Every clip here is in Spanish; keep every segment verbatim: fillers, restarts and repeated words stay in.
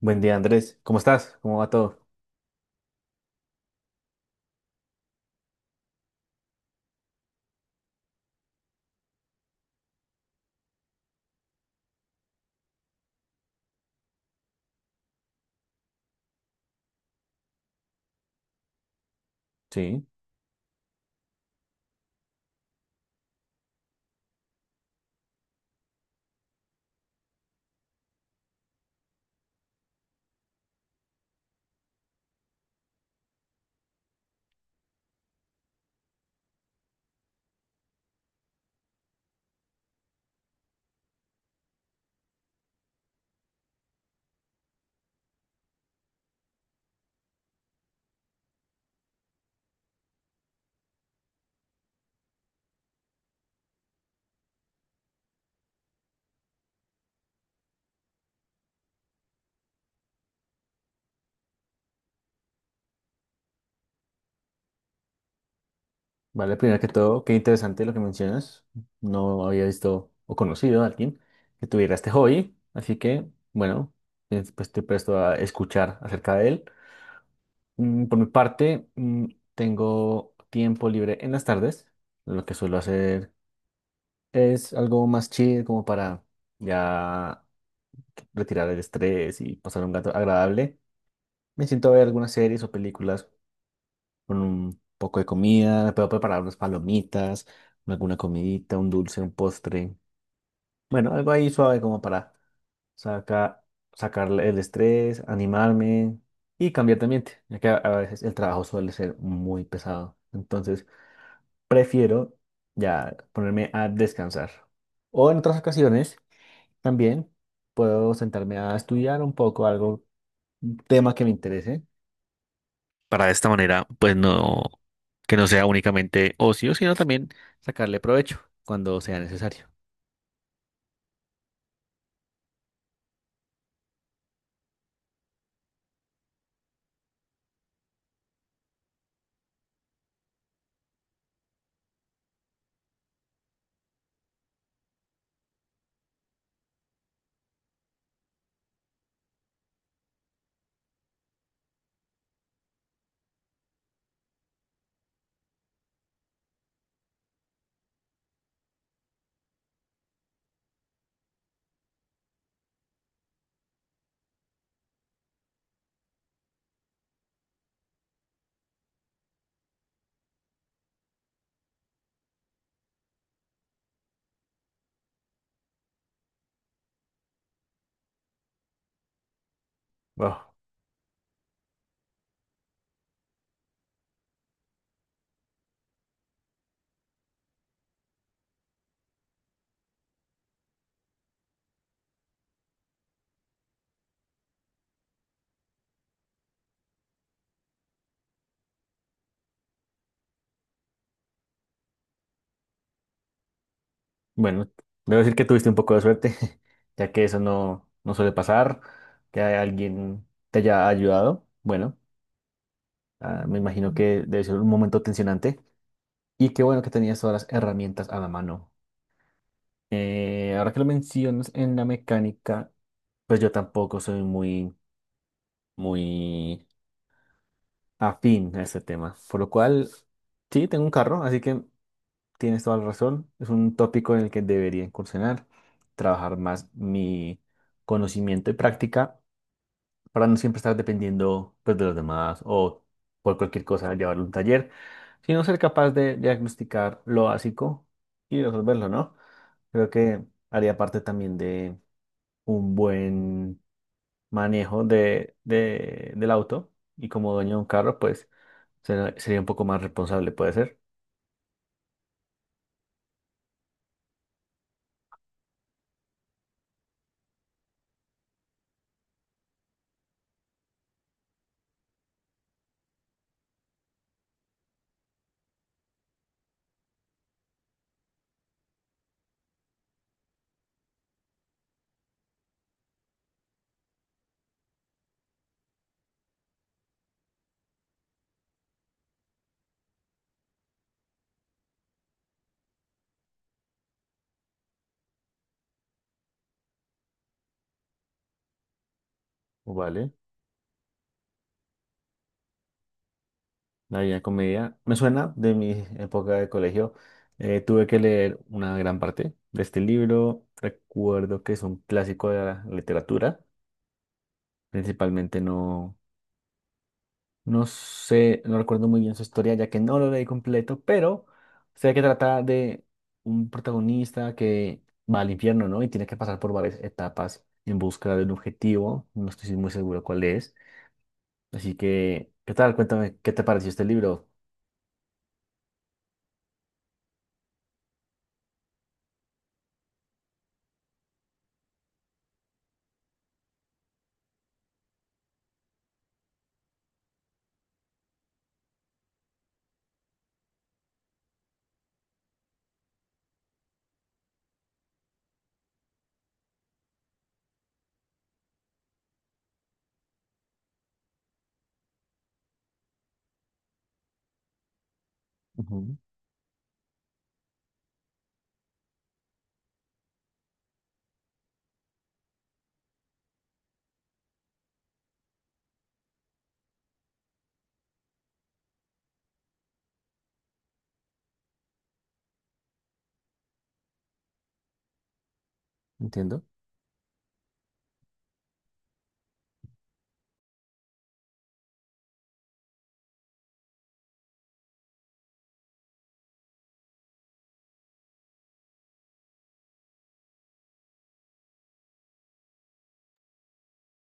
Buen día, Andrés. ¿Cómo estás? ¿Cómo va todo? Sí, vale, primero que todo, qué interesante lo que mencionas. No había visto o conocido a alguien que tuviera este hobby, así que, bueno, es- pues estoy presto a escuchar acerca de él. Mm, Por mi parte, mm, tengo tiempo libre en las tardes. Lo que suelo hacer es algo más chill, como para ya retirar el estrés y pasar un gato agradable. Me siento a ver algunas series o películas con un poco de comida, puedo preparar unas palomitas, alguna comidita, un dulce, un postre. Bueno, algo ahí suave como para sacar, sacar el estrés, animarme y cambiar de ambiente, ya que a a veces el trabajo suele ser muy pesado. Entonces, prefiero ya ponerme a descansar. O en otras ocasiones también puedo sentarme a estudiar un poco algo, un tema que me interese para de esta manera, pues no, que no sea únicamente ocio, sino también sacarle provecho cuando sea necesario. Wow. Bueno, debo decir que tuviste un poco de suerte, ya que eso no, no suele pasar, que alguien te haya ayudado. Bueno, ah, me imagino que debe ser un momento tensionante y qué bueno que tenías todas las herramientas a la mano. Eh, ahora que lo mencionas en la mecánica, pues yo tampoco soy muy, muy afín a este tema. Por lo cual, sí, tengo un carro, así que tienes toda la razón. Es un tópico en el que debería incursionar, trabajar más mi conocimiento y práctica para no siempre estar dependiendo pues, de los demás o por cualquier cosa llevarlo a un taller, sino ser capaz de diagnosticar lo básico y resolverlo, ¿no? Creo que haría parte también de un buen manejo de, de- del auto y como dueño de un carro, pues Será- Sería un poco más responsable, puede ser. Vale. La Divina Comedia. Me suena de mi época de colegio. Eh, tuve que leer una gran parte de este libro. Recuerdo que es un clásico de la literatura. Principalmente no, no sé, no recuerdo muy bien su historia, ya que no lo leí completo, pero sé que trata de un protagonista que va al infierno, ¿no? Y tiene que pasar por varias etapas en busca de un objetivo. No estoy muy seguro cuál es. Así que, ¿qué tal? Cuéntame, ¿qué te pareció este libro? Ujú. Entiendo.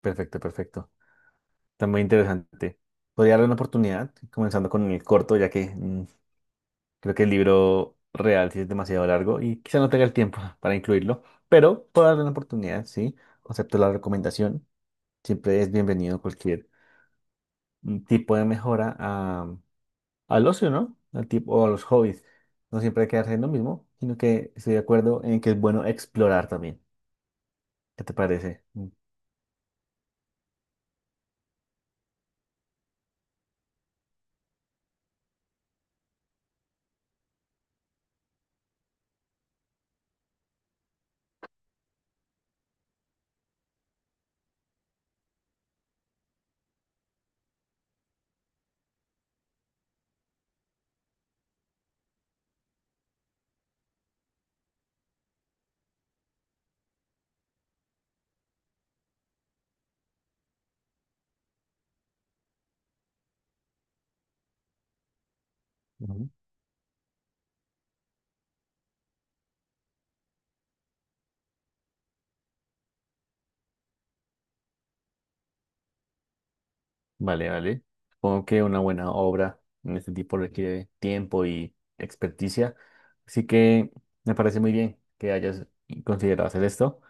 Perfecto, perfecto. Está muy interesante. Podría darle una oportunidad, comenzando con el corto, ya que mm, creo que el libro real sí es demasiado largo y quizá no tenga el tiempo para incluirlo, pero puedo darle una oportunidad, sí. Acepto la recomendación. Siempre es bienvenido cualquier mm, tipo de mejora a- mm, al ocio, ¿no? Al tipo, o a los hobbies. No siempre hay que quedarse en lo mismo, sino que estoy de acuerdo en que es bueno explorar también. ¿Qué te parece? Ujú. Vale, vale. Supongo que una buena obra en este tipo requiere tiempo y experticia. Así que me parece muy bien que hayas considerado hacer esto.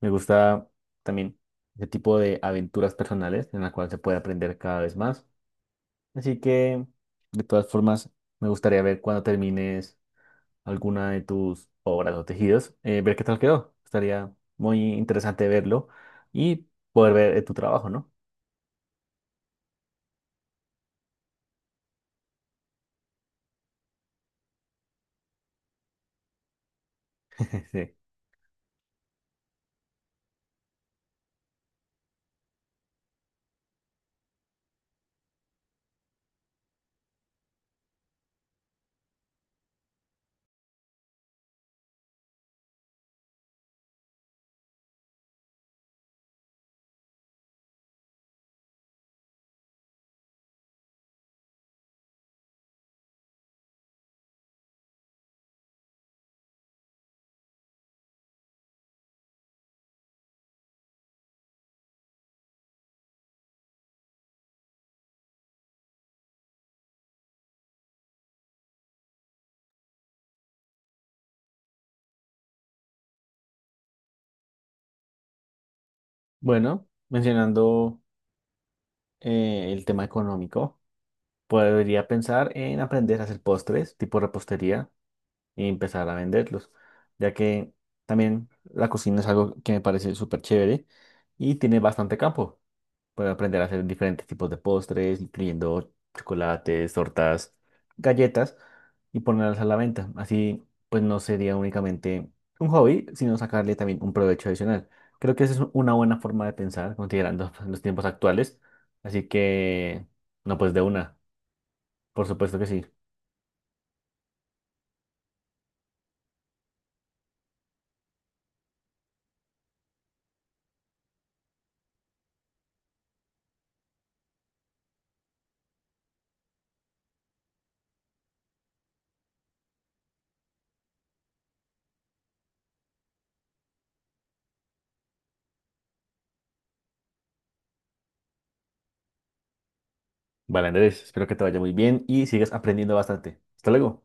Me gusta también ese tipo de aventuras personales en la cual se puede aprender cada vez más. Así que, de todas formas, me gustaría ver cuando termines alguna de tus obras o tejidos, eh, ver qué tal quedó. Estaría muy interesante verlo y poder ver eh, tu trabajo, ¿no? Sí. Bueno, mencionando eh, el tema económico, podría pensar en aprender a hacer postres, tipo repostería, y empezar a venderlos, ya que también la cocina es algo que me parece súper chévere y tiene bastante campo. Puedo aprender a hacer diferentes tipos de postres, incluyendo chocolates, tortas, galletas y ponerlas a la venta. Así, pues no sería únicamente un hobby, sino sacarle también un provecho adicional. Creo que esa es una buena forma de pensar, considerando pues, los tiempos actuales. Así que, no, pues de una, por supuesto que sí. Vale, Andrés, espero que te vaya muy bien y sigas aprendiendo bastante. Hasta luego.